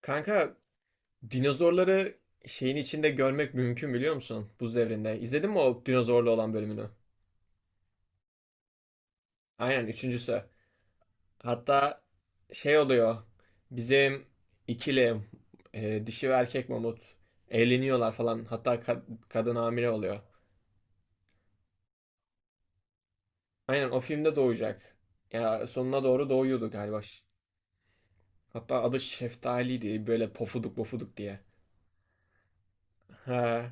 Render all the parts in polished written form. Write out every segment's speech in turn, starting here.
Kanka dinozorları şeyin içinde görmek mümkün biliyor musun? Buz devrinde. İzledin mi o dinozorlu olan bölümünü? Aynen üçüncüsü. Hatta şey oluyor. Bizim ikili dişi ve erkek mamut evleniyorlar falan. Hatta kadın hamile oluyor. Aynen o filmde doğacak. Ya sonuna doğru doğuyordu galiba. Hatta adı Şeftali'ydi. Böyle pofuduk pofuduk diye. He.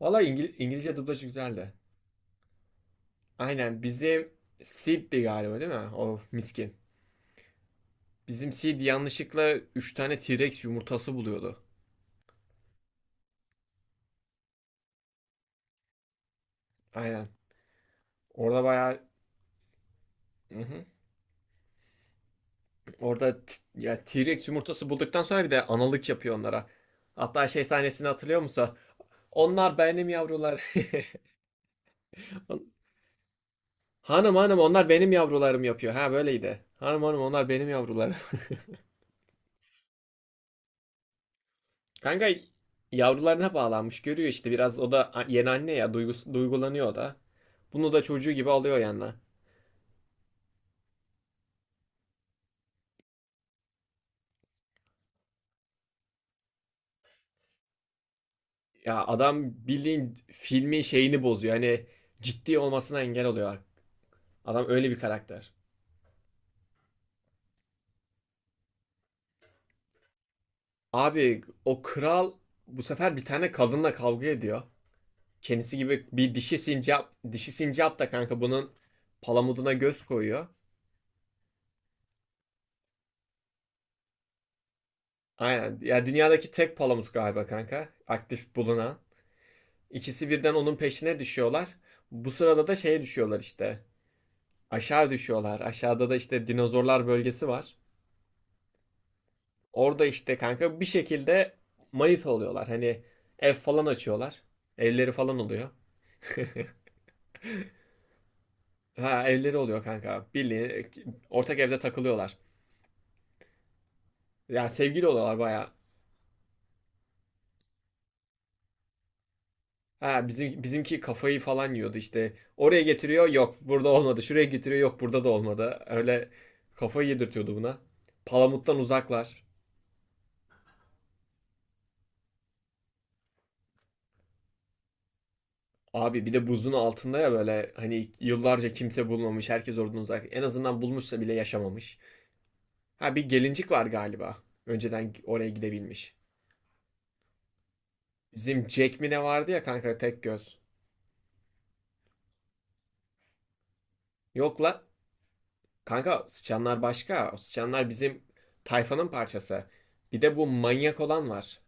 Valla İngilizce dublajı güzeldi. Aynen bizim Sid'di galiba değil mi? O miskin. Bizim Sid yanlışlıkla 3 tane T-Rex yumurtası buluyordu. Aynen. Orada bayağı. Hı hı. Orada ya T-Rex yumurtası bulduktan sonra bir de analık yapıyor onlara. Hatta şey sahnesini hatırlıyor musun? Onlar benim yavrular. Hanım hanım onlar benim yavrularım yapıyor. Ha böyleydi. Hanım hanım onlar benim yavrularım. Kanka yavrularına bağlanmış görüyor işte biraz o da yeni anne ya duygulanıyor o da. Bunu da çocuğu gibi alıyor yanına. Ya adam bildiğin filmin şeyini bozuyor. Hani ciddi olmasına engel oluyor. Adam öyle bir karakter. Abi o kral bu sefer bir tane kadınla kavga ediyor. Kendisi gibi bir dişi sincap, dişi sincap da kanka bunun palamuduna göz koyuyor. Aynen. Ya dünyadaki tek palamut galiba kanka. Aktif bulunan. İkisi birden onun peşine düşüyorlar. Bu sırada da şeye düşüyorlar işte. Aşağı düşüyorlar. Aşağıda da işte dinozorlar bölgesi var. Orada işte kanka bir şekilde manita oluyorlar. Hani ev falan açıyorlar. Evleri falan oluyor. Ha evleri oluyor kanka. Bildiğin ortak evde takılıyorlar. Ya sevgili oluyorlar baya. Ha bizimki kafayı falan yiyordu işte. Oraya getiriyor yok burada olmadı. Şuraya getiriyor yok burada da olmadı. Öyle kafayı yedirtiyordu buna. Palamuttan uzaklar. Abi bir de buzun altında ya böyle hani yıllarca kimse bulmamış. Herkes oradan uzak. En azından bulmuşsa bile yaşamamış. Ha bir gelincik var galiba. Önceden oraya gidebilmiş. Bizim Jack mi ne vardı ya kanka tek göz. Yok la. Kanka sıçanlar başka. O sıçanlar bizim tayfanın parçası. Bir de bu manyak olan var.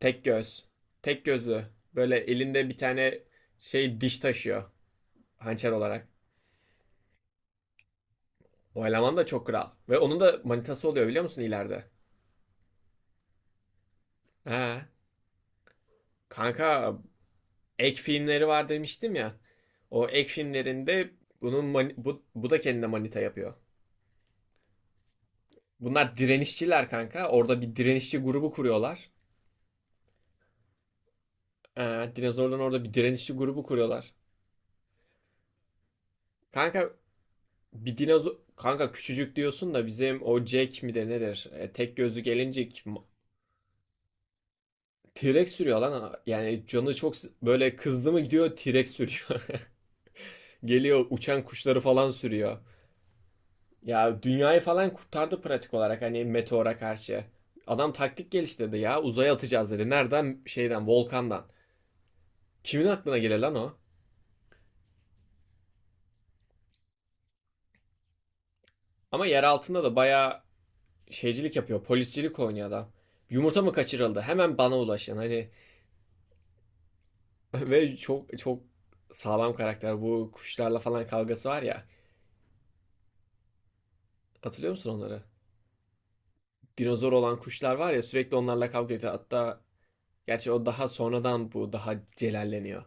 Tek göz. Tek gözlü. Böyle elinde bir tane şey diş taşıyor. Hançer olarak. O eleman da çok kral. Ve onun da manitası oluyor biliyor musun ileride? Ha. Kanka ek filmleri var demiştim ya. O ek filmlerinde bu da kendine manita yapıyor. Bunlar direnişçiler kanka. Orada bir direnişçi grubu kuruyorlar. Dinozorların orada bir direnişçi grubu kuruyorlar. Kanka bir dinozor... Kanka küçücük diyorsun da bizim o Jack midir nedir? Tek gözlü gelincik. T-Rex sürüyor lan. Yani canı çok böyle kızdı mı gidiyor T-Rex sürüyor. Geliyor uçan kuşları falan sürüyor. Ya dünyayı falan kurtardı pratik olarak hani meteora karşı. Adam taktik geliştirdi ya uzaya atacağız dedi. Nereden? Şeyden volkandan. Kimin aklına gelir lan o? Ama yer altında da bayağı şeycilik yapıyor. Poliscilik oynuyor adam. Yumurta mı kaçırıldı? Hemen bana ulaşın. Hani ve çok çok sağlam karakter. Bu kuşlarla falan kavgası var ya. Hatırlıyor musun onları? Dinozor olan kuşlar var ya sürekli onlarla kavga ediyor. Hatta gerçi o daha sonradan bu daha celalleniyor.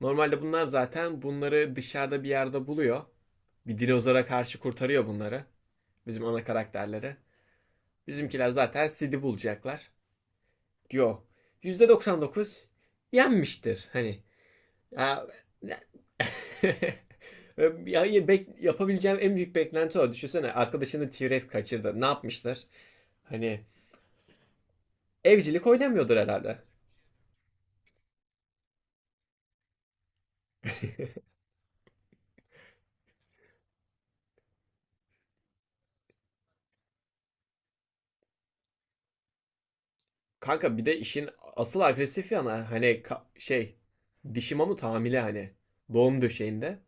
Normalde bunlar zaten bunları dışarıda bir yerde buluyor. Bir dinozora karşı kurtarıyor bunları. Bizim ana karakterleri. Bizimkiler zaten Sid'i bulacaklar. Yo. Dokuz yenmiştir. Hani ya, ya yapabileceğim en büyük beklenti o. Düşünsene arkadaşını T-Rex kaçırdı. Ne yapmışlar? Hani evcilik oynamıyordur herhalde. Kanka bir de işin asıl agresif yana hani şey dişi mamut hamile hani doğum döşeğinde.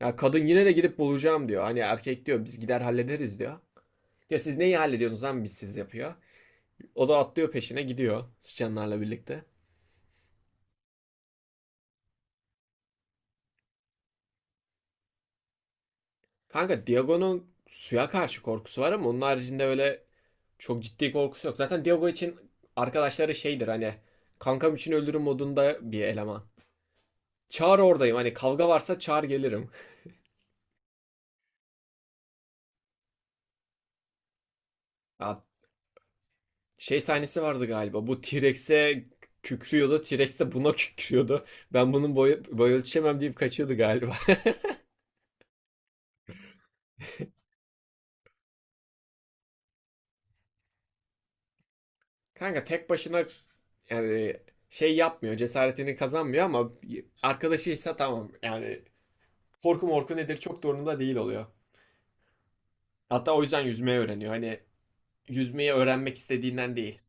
Ya kadın yine de gidip bulacağım diyor. Hani erkek diyor biz gider hallederiz diyor. Ya siz neyi hallediyorsunuz lan biz siz yapıyor. O da atlıyor peşine gidiyor sıçanlarla birlikte. Kanka Diago'nun suya karşı korkusu var ama onun haricinde öyle çok ciddi korkusu yok. Zaten Diago için arkadaşları şeydir hani kankam için öldürüm modunda bir eleman. Çağır oradayım hani kavga varsa çağır gelirim. Ya, şey sahnesi vardı galiba bu T-Rex'e kükrüyordu T-Rex de buna kükrüyordu. Ben bunun boy ölçemem deyip kaçıyordu galiba. Kanka tek başına yani şey yapmıyor cesaretini kazanmıyor ama arkadaşıysa tamam yani korku morku nedir çok da umurunda değil oluyor. Hatta o yüzden yüzmeyi öğreniyor. Hani yüzmeyi öğrenmek istediğinden değil.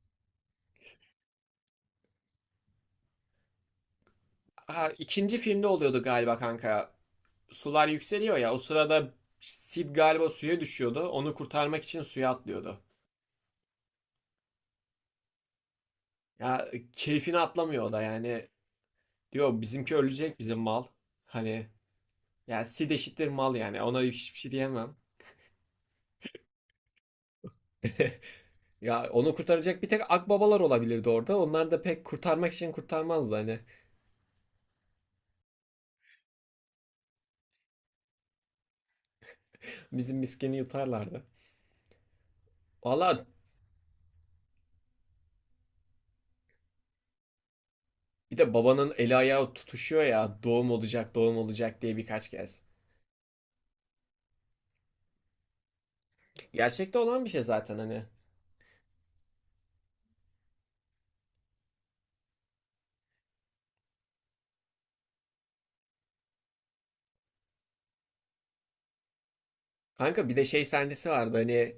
Ha, ikinci filmde oluyordu galiba kanka. Sular yükseliyor ya. O sırada Sid galiba suya düşüyordu. Onu kurtarmak için suya atlıyordu. Ya keyfini atlamıyor o da yani. Diyor bizimki ölecek bizim mal. Hani ya Sid eşittir mal yani. Ona hiçbir şey diyemem. Ya onu kurtaracak bir tek akbabalar olabilirdi orada. Onlar da pek kurtarmak için kurtarmazdı hani. Bizim miskini yutarlardı. Valla bir de babanın eli ayağı tutuşuyor ya doğum olacak doğum olacak diye birkaç kez. Gerçekte olan bir şey zaten hani. Kanka bir de şey sahnesi vardı hani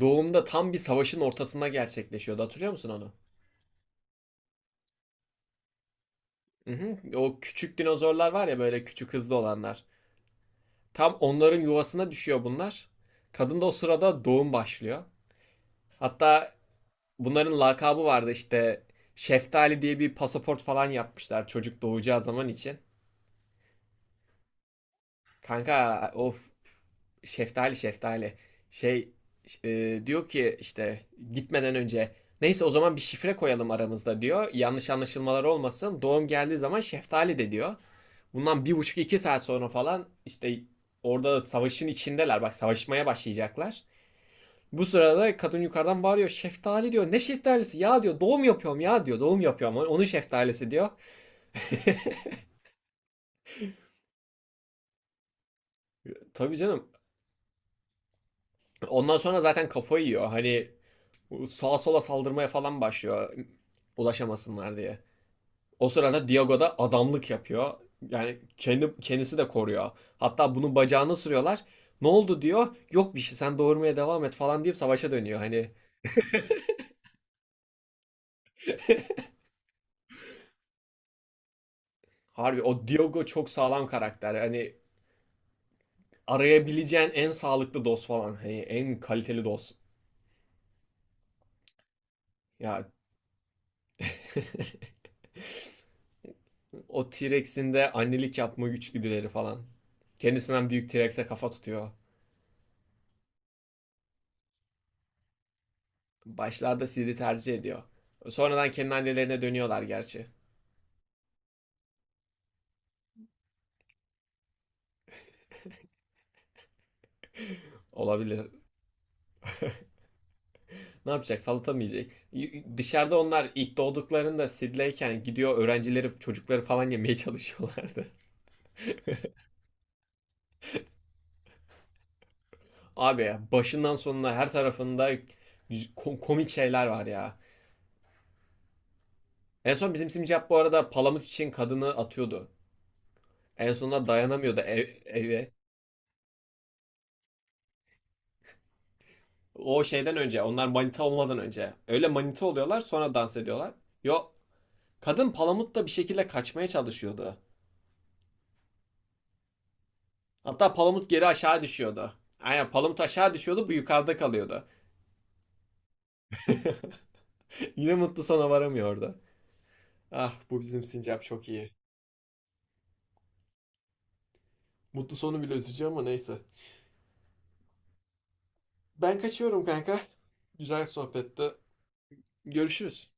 doğumda tam bir savaşın ortasında gerçekleşiyordu hatırlıyor musun onu? Hı hı. O küçük dinozorlar var ya böyle küçük hızlı olanlar. Tam onların yuvasına düşüyor bunlar. Kadın da o sırada doğum başlıyor. Hatta bunların lakabı vardı işte Şeftali diye bir pasaport falan yapmışlar çocuk doğacağı zaman için. Kanka of, Şeftali şeftali. Şey diyor ki işte gitmeden önce neyse o zaman bir şifre koyalım aramızda diyor. Yanlış anlaşılmalar olmasın. Doğum geldiği zaman şeftali de diyor. Bundan bir buçuk iki saat sonra falan işte orada savaşın içindeler. Bak savaşmaya başlayacaklar. Bu sırada kadın yukarıdan bağırıyor. Şeftali diyor. Ne şeftalisi? Ya diyor doğum yapıyorum ya diyor. Doğum yapıyorum. Onun şeftalisi diyor. Tabii canım. Ondan sonra zaten kafayı yiyor. Hani sağa sola saldırmaya falan başlıyor ulaşamasınlar diye. O sırada Diego da adamlık yapıyor. Yani kendi kendisi de koruyor. Hatta bunun bacağını sürüyorlar. Ne oldu diyor. Yok bir şey sen doğurmaya devam et falan deyip savaşa dönüyor. Hani harbi o Diego çok sağlam karakter. Hani arayabileceğin en sağlıklı dost falan. Hani en kaliteli dost. Ya o T-Rex'in de annelik yapma güçgüdüleri falan. Kendisinden büyük T-Rex'e kafa tutuyor. Başlarda Sid'i tercih ediyor. Sonradan kendi annelerine dönüyorlar gerçi. Olabilir. Ne yapacak? Salata. Dışarıda onlar ilk doğduklarında sidleyken gidiyor öğrencileri, çocukları falan yemeye çalışıyorlardı. Abi ya başından sonuna her tarafında komik şeyler var ya. En son bizim Simcap bu arada palamut için kadını atıyordu. En sonunda dayanamıyordu eve. O şeyden önce, onlar manita olmadan önce. Öyle manita oluyorlar sonra dans ediyorlar. Yo, kadın palamutla bir şekilde kaçmaya çalışıyordu. Hatta Palamut geri aşağı düşüyordu. Aynen Palamut aşağı düşüyordu bu yukarıda kalıyordu. Yine mutlu sona varamıyordu. Ah bu bizim sincap çok iyi. Mutlu sonu bile üzücü ama neyse. Ben kaçıyorum kanka. Güzel sohbette. Görüşürüz.